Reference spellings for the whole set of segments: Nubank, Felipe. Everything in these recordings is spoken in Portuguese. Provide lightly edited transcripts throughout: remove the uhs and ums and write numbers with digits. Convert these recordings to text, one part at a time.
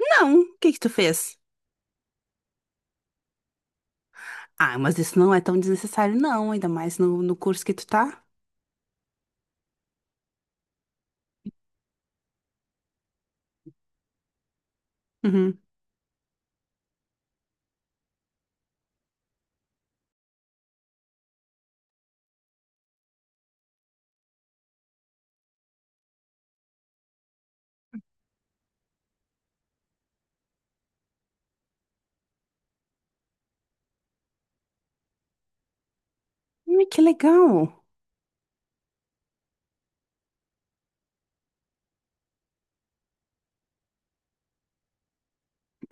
Não, o que que tu fez? Ah, mas isso não é tão desnecessário, não, ainda mais no curso que tu tá. Uhum. Ai, que legal.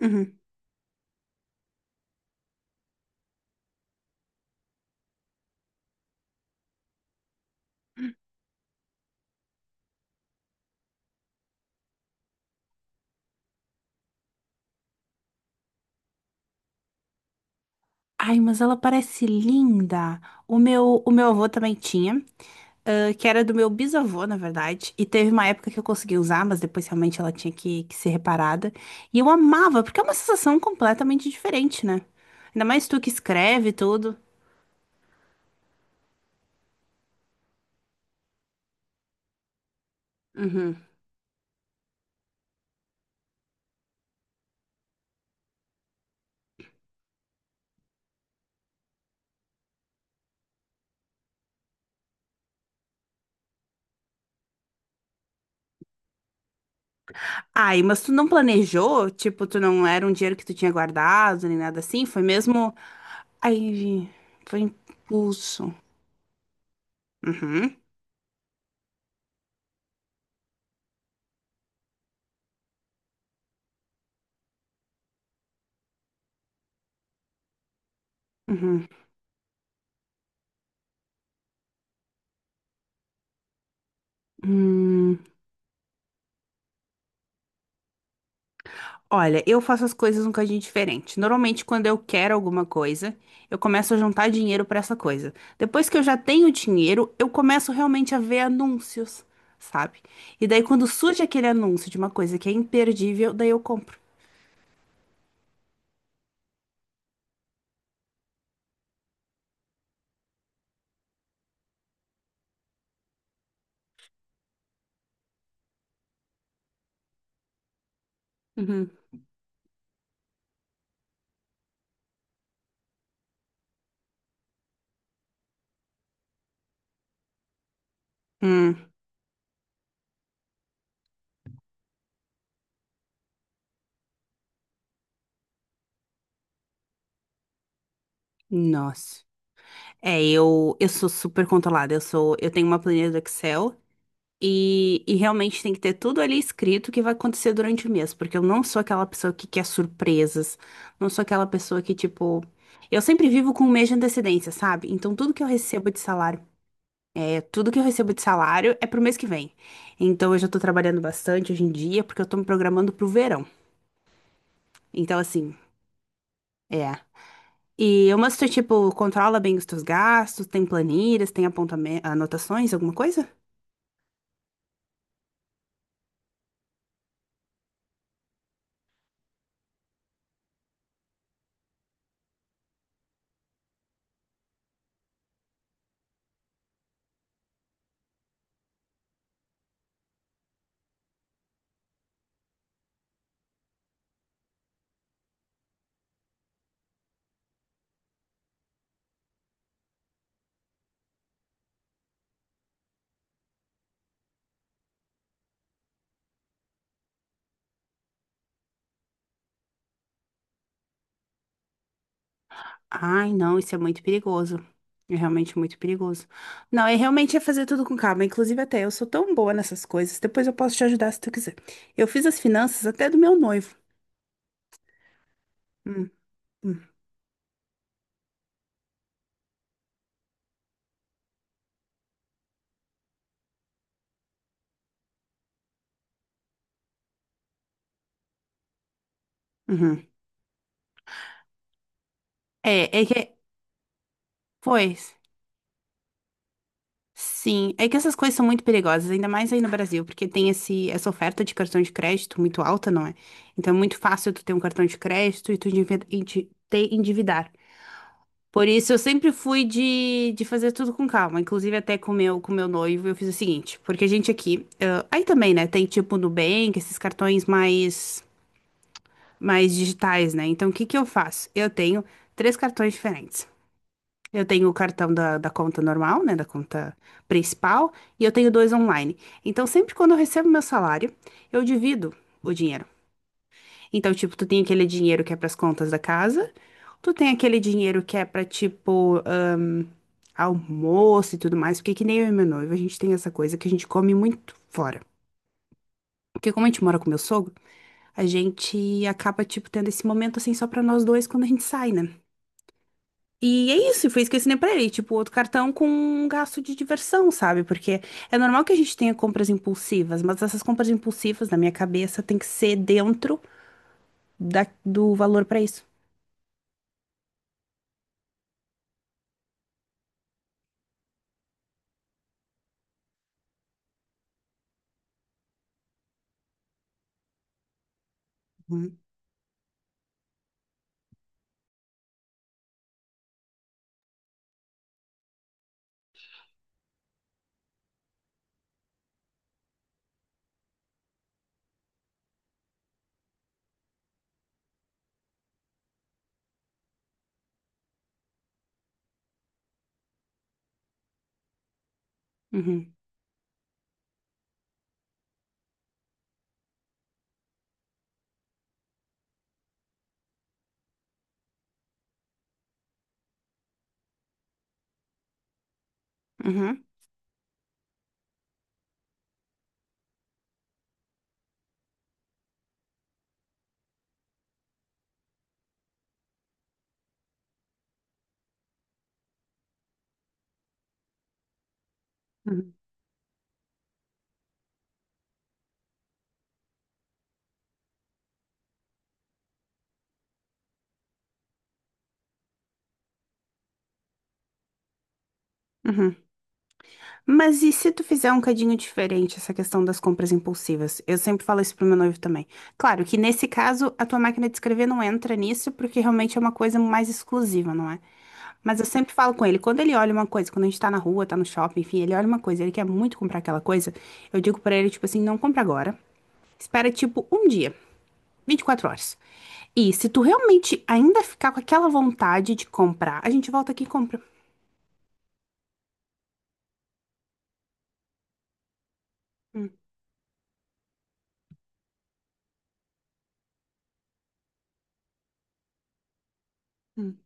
Uhum. Ai, mas ela parece linda. O meu avô também tinha, ah, que era do meu bisavô, na verdade. E teve uma época que eu consegui usar, mas depois realmente ela tinha que ser reparada. E eu amava, porque é uma sensação completamente diferente, né? Ainda mais tu que escreve tudo. Uhum. Ai, mas tu não planejou? Tipo, tu não era um dinheiro que tu tinha guardado, nem nada assim? Foi mesmo. Aí vi, foi impulso. Uhum, uhum. Hum, olha, eu faço as coisas um bocadinho diferente. Normalmente, quando eu quero alguma coisa, eu começo a juntar dinheiro pra essa coisa. Depois que eu já tenho dinheiro, eu começo realmente a ver anúncios, sabe? E daí, quando surge aquele anúncio de uma coisa que é imperdível, daí eu compro. Uhum. Hum, nossa. É, eu sou super controlada. Eu tenho uma planilha do Excel. E realmente tem que ter tudo ali escrito o que vai acontecer durante o mês, porque eu não sou aquela pessoa que quer surpresas, não sou aquela pessoa que, tipo. Eu sempre vivo com um mês de antecedência, sabe? Então tudo que eu recebo de salário é pro mês que vem. Então eu já tô trabalhando bastante hoje em dia, porque eu tô me programando pro verão. Então, assim, é. E o Master, tipo, controla bem os teus gastos, tem planilhas, tem anotações, alguma coisa? Ai, não, isso é muito perigoso. É realmente muito perigoso. Não, é realmente é fazer tudo com calma. Inclusive, até eu sou tão boa nessas coisas. Depois eu posso te ajudar se tu quiser. Eu fiz as finanças até do meu noivo. Hum, hum, uhum. É que. Pois. Sim. É que essas coisas são muito perigosas, ainda mais aí no Brasil, porque tem essa oferta de cartão de crédito muito alta, não é? Então é muito fácil tu ter um cartão de crédito e te endividar. Por isso, eu sempre fui de fazer tudo com calma. Inclusive, até com com meu noivo, eu fiz o seguinte. Porque a gente aqui, ah, aí também, né? Tem tipo Nubank, esses cartões mais digitais, né? Então, o que que eu faço? Eu tenho três cartões diferentes. Eu tenho o cartão da conta normal, né? Da conta principal. E eu tenho dois online. Então, sempre quando eu recebo meu salário, eu divido o dinheiro. Então, tipo, tu tem aquele dinheiro que é pras contas da casa, tu tem aquele dinheiro que é pra, tipo, almoço e tudo mais, porque que nem eu e meu noivo, a gente tem essa coisa que a gente come muito fora. Porque como a gente mora com meu sogro, a gente acaba, tipo, tendo esse momento assim só pra nós dois quando a gente sai, né? E é isso, e foi isso que eu ensinei pra ele, tipo, outro cartão com um gasto de diversão, sabe? Porque é normal que a gente tenha compras impulsivas, mas essas compras impulsivas, na minha cabeça, tem que ser dentro do valor pra isso. Uhum. Uhum. Uhum, uhum, uhum. Mas e se tu fizer um cadinho diferente essa questão das compras impulsivas? Eu sempre falo isso pro meu noivo também. Claro que nesse caso a tua máquina de escrever não entra nisso porque realmente é uma coisa mais exclusiva, não é? Mas eu sempre falo com ele, quando ele olha uma coisa, quando a gente tá na rua, tá no shopping, enfim, ele olha uma coisa, ele quer muito comprar aquela coisa, eu digo pra ele tipo assim, não compra agora. Espera tipo um dia, 24 horas. E se tu realmente ainda ficar com aquela vontade de comprar, a gente volta aqui e compra. Hum.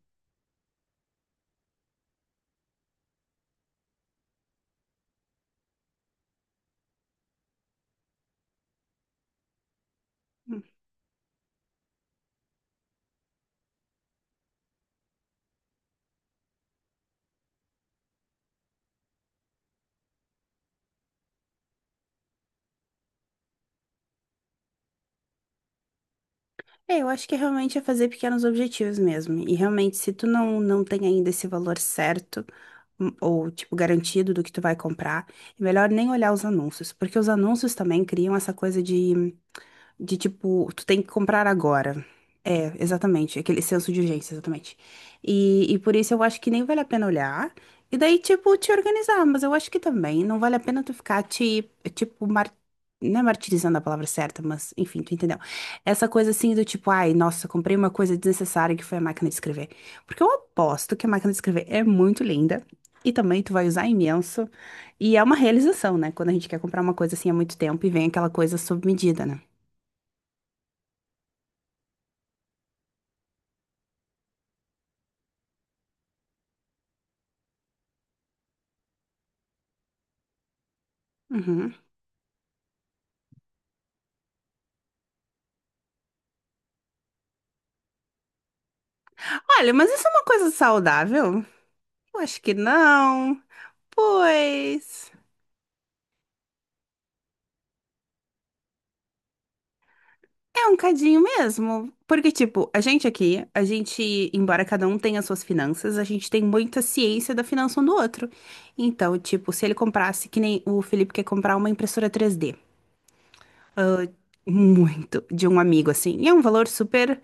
É, eu acho que é realmente é fazer pequenos objetivos mesmo. E realmente, se tu não tem ainda esse valor certo, ou tipo, garantido do que tu vai comprar, é melhor nem olhar os anúncios, porque os anúncios também criam essa coisa de tipo, tu tem que comprar agora. É, exatamente. Aquele senso de urgência, exatamente. E por isso eu acho que nem vale a pena olhar. E daí, tipo, te organizar. Mas eu acho que também não vale a pena tu ficar não é martirizando a palavra certa, mas enfim, tu entendeu? Essa coisa assim do tipo, ai, nossa, comprei uma coisa desnecessária que foi a máquina de escrever. Porque eu aposto que a máquina de escrever é muito linda. E também tu vai usar imenso. E é uma realização, né? Quando a gente quer comprar uma coisa assim há muito tempo e vem aquela coisa sob medida, né? Uhum. Olha, mas isso é uma coisa saudável? Eu acho que não. Pois é um cadinho mesmo. Porque, tipo, a gente aqui, a gente, embora cada um tenha suas finanças, a gente tem muita ciência da finança um do outro. Então, tipo, se ele comprasse, que nem o Felipe quer comprar uma impressora 3D. Ah, muito de um amigo, assim. E é um valor super.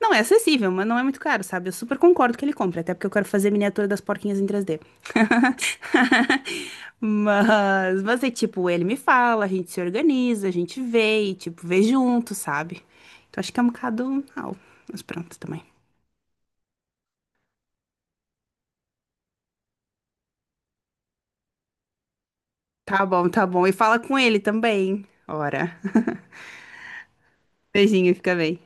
Não é acessível, mas não é muito caro, sabe? Eu super concordo que ele compre, até porque eu quero fazer miniatura das porquinhas em 3D. Mas é tipo, ele me fala, a gente se organiza, a gente vê e, tipo, vê junto, sabe? Então acho que é um bocado. Ah, mas pronto também. Tá bom, tá bom. E fala com ele também. Ora. Beijinho, fica bem.